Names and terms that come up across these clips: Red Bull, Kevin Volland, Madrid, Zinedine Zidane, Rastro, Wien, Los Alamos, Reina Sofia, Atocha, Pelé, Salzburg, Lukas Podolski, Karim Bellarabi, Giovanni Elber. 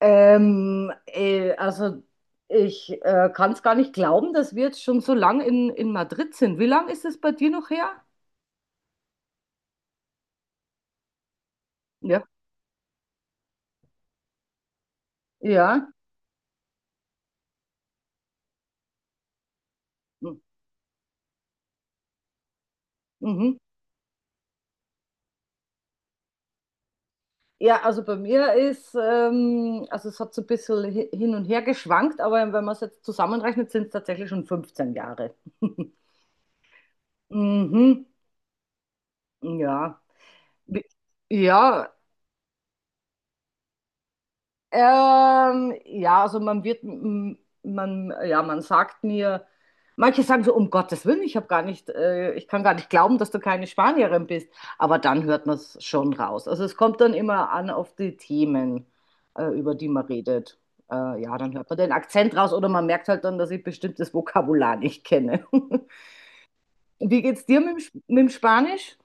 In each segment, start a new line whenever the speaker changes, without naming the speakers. Also ich kann es gar nicht glauben, dass wir jetzt schon so lang in Madrid sind. Wie lang ist es bei dir noch her? Ja. Ja. Hm. Mhm. Ja, also bei mir ist, also es hat so ein bisschen hin und her geschwankt, aber wenn man es jetzt zusammenrechnet, sind es tatsächlich schon 15 Jahre. Mhm. Ja. Wie- Ja, ja, also man wird, m- man, ja, man sagt mir, manche sagen so, um Gottes Willen, ich kann gar nicht glauben, dass du keine Spanierin bist. Aber dann hört man es schon raus. Also es kommt dann immer an auf die Themen, über die man redet. Ja, dann hört man den Akzent raus oder man merkt halt dann, dass ich bestimmtes Vokabular nicht kenne. Wie geht's dir mit dem Spanisch?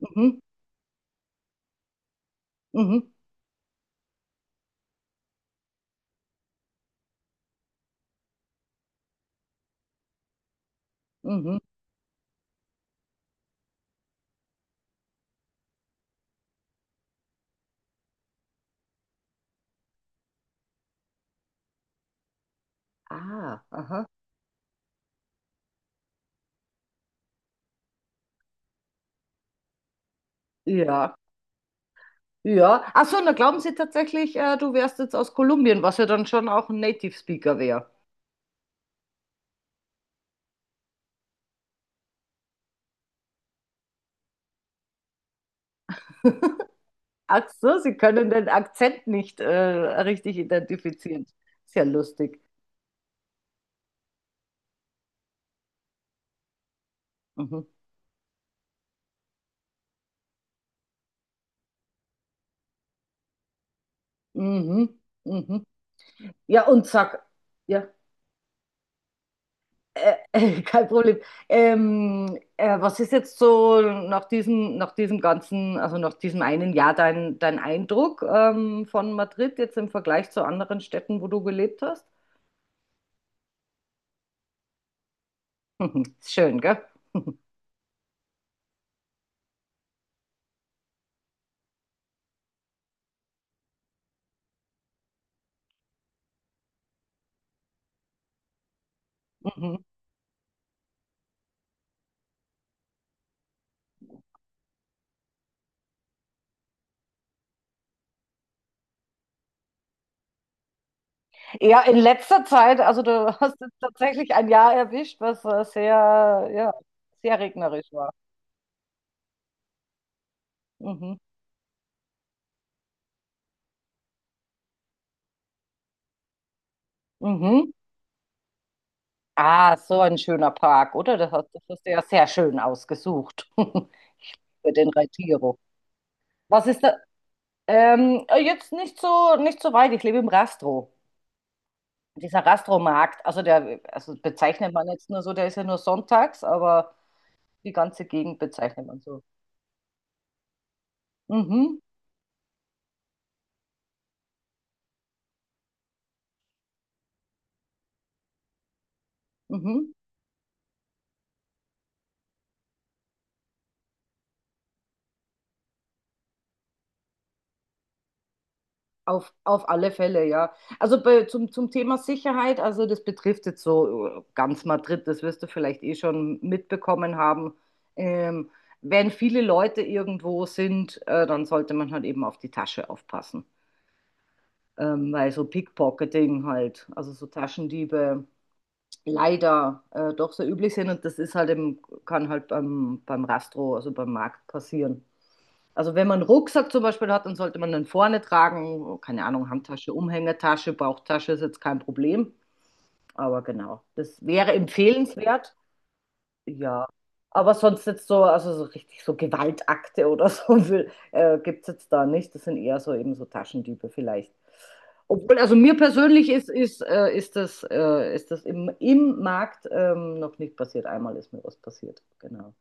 Mhm, mhm, mhm. Ah, aha. Ja. Ja. Ach so, und da glauben sie tatsächlich, du wärst jetzt aus Kolumbien, was ja dann schon auch ein Native Speaker wäre. Ach so, sie können den Akzent nicht richtig identifizieren. Sehr lustig. Mhm. Mhm. Mhm. Ja, ja, äh, kein Problem. Was ist jetzt so nach diesem einen Jahr dein Eindruck von Madrid jetzt im Vergleich zu anderen Städten, wo du gelebt hast? Mhm. Ist schön, gell? Mhm. Ja, in letzter Zeit, also du hast jetzt tatsächlich ein Jahr erwischt, was sehr regnerisch war. Mhm. Mhm. Ah, so ein schöner Park, oder? Das hast du ja sehr schön ausgesucht für den Retiro. Was ist da? Jetzt nicht so weit. Ich lebe im Rastro. Dieser Rastromarkt, also bezeichnet man jetzt nur so, der ist ja nur sonntags, aber die ganze Gegend bezeichnet man so. Mhm. Mhm. Auf alle Fälle, ja. Also zum Thema Sicherheit, also das betrifft jetzt so ganz Madrid, das wirst du vielleicht eh schon mitbekommen haben. Ähm, Wenn viele Leute irgendwo sind, dann sollte man halt eben auf die Tasche aufpassen. Weil so Pickpocketing halt, also so Taschendiebe leider doch sehr üblich sind und das ist halt im, kann halt beim Rastro, also beim Markt passieren. Also wenn man einen Rucksack zum Beispiel hat, dann sollte man den vorne tragen. Keine Ahnung, Handtasche, Umhängetasche, Bauchtasche ist jetzt kein Problem. Aber genau, das wäre empfehlenswert. Ja. Aber sonst jetzt so, also so richtig so Gewaltakte oder gibt es jetzt da nicht. Das sind eher so eben so Taschendiebe vielleicht. Obwohl, also mir persönlich ist das im Markt noch nicht passiert. Einmal ist mir was passiert. Genau.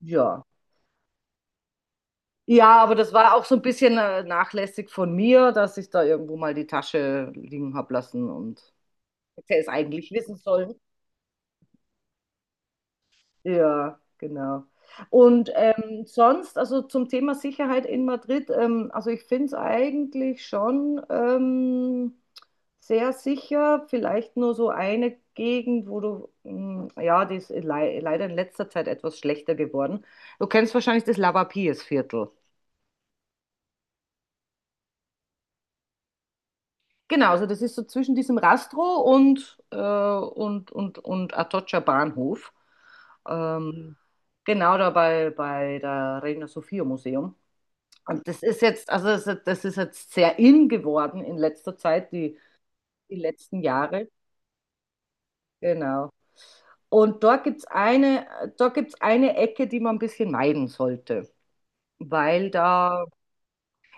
Ja. Ja, aber das war auch so ein bisschen nachlässig von mir, dass ich da irgendwo mal die Tasche liegen habe lassen und hätte es eigentlich wissen sollen. Ja, genau. Und sonst, also zum Thema Sicherheit in Madrid, also ich finde es eigentlich schon sehr sicher. Vielleicht nur so eine Gegend, wo du, ja, die ist le leider in letzter Zeit etwas schlechter geworden. Du kennst wahrscheinlich das Lavapiés-Viertel. Genau, also das ist so zwischen diesem Rastro und Atocha Bahnhof. Ähm, genau da bei der Reina Sofia Museum. Und das ist jetzt sehr in geworden in letzter Zeit, die letzten Jahre. Genau. Und dort gibt's eine Ecke, die man ein bisschen meiden sollte. Weil da,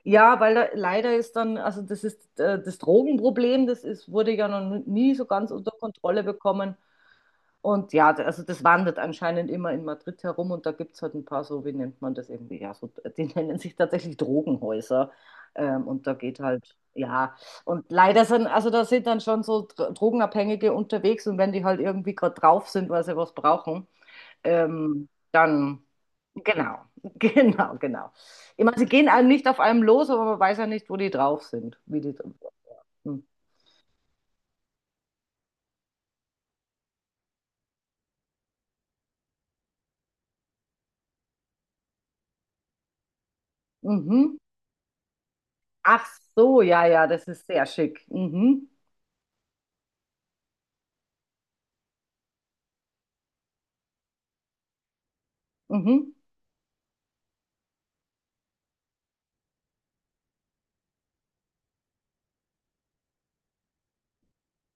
ja, Weil da leider ist dann, das Drogenproblem, wurde ja noch nie so ganz unter Kontrolle bekommen. Und ja, also das wandert anscheinend immer in Madrid herum und da gibt es halt ein paar so, wie nennt man das irgendwie? Ja, so, die nennen sich tatsächlich Drogenhäuser. Und da geht halt, ja, und leider sind, also da sind dann schon so Drogenabhängige unterwegs und wenn die halt irgendwie gerade drauf sind, weil sie was brauchen, dann, genau, genau, genau. Ich meine, sie gehen einem nicht auf einem los, aber man weiß ja nicht, wo die drauf sind, wie die. Mhm. Ach so, ja, ja, das ist sehr schick. Mhm. Mhm.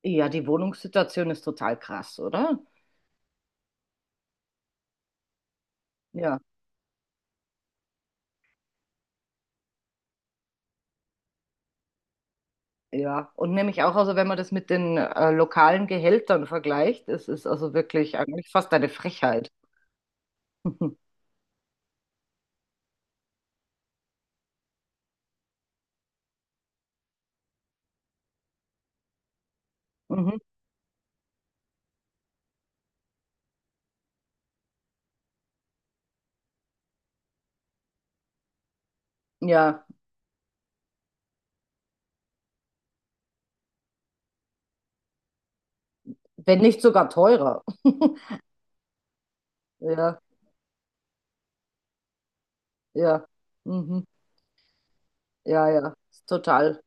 Ja, die Wohnungssituation ist total krass, oder? Ja, ja. Und nämlich auch, also wenn man das mit den lokalen Gehältern vergleicht, es ist also wirklich eigentlich fast eine Frechheit. Mhm. Ja, wenn nicht sogar teurer. Ja, ja. Mhm. Ja, ja. Ist total,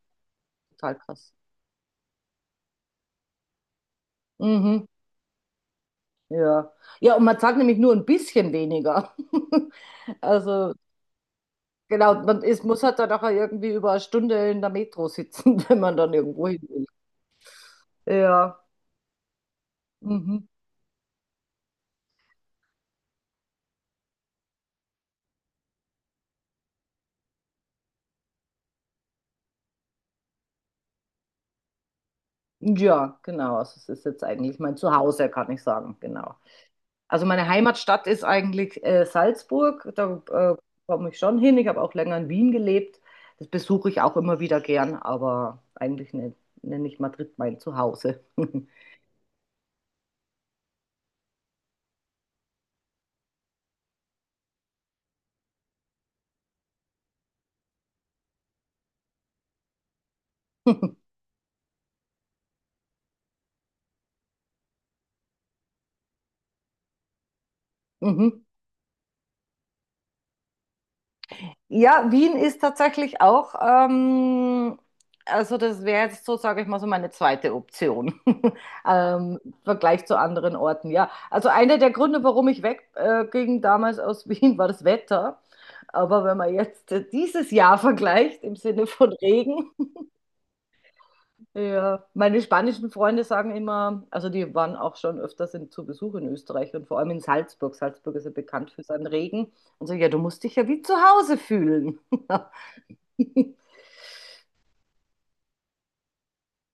total krass. Mhm. Ja. Ja, und man zahlt nämlich nur ein bisschen weniger. Also, genau, muss halt dann nachher irgendwie über eine Stunde in der Metro sitzen, wenn man dann irgendwo hin will. Ja. Mhm. Ja, genau. Also es ist jetzt eigentlich mein Zuhause, kann ich sagen. Genau. Also meine Heimatstadt ist eigentlich Salzburg. Da komme ich schon hin. Ich habe auch länger in Wien gelebt. Das besuche ich auch immer wieder gern, aber eigentlich nenne ich Madrid mein Zuhause. Mhm. Ja, Wien ist tatsächlich auch, also das wäre jetzt so, sage ich mal, so meine zweite Option im Vergleich zu anderen Orten. Ja, also einer der Gründe, warum ich wegging damals aus Wien, war das Wetter. Aber wenn man jetzt dieses Jahr vergleicht im Sinne von Regen, ja, meine spanischen Freunde sagen immer, also die waren auch schon öfters zu Besuch in Österreich und vor allem in Salzburg. Salzburg ist ja bekannt für seinen Regen. Und so, ja, du musst dich ja wie zu Hause fühlen.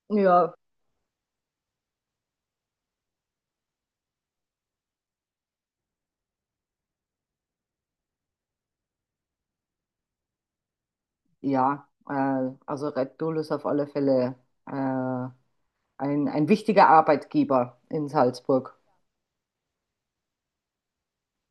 Ja, ja, also Red Bull ist auf alle Fälle äh, ein, ein wichtiger Arbeitgeber in Salzburg.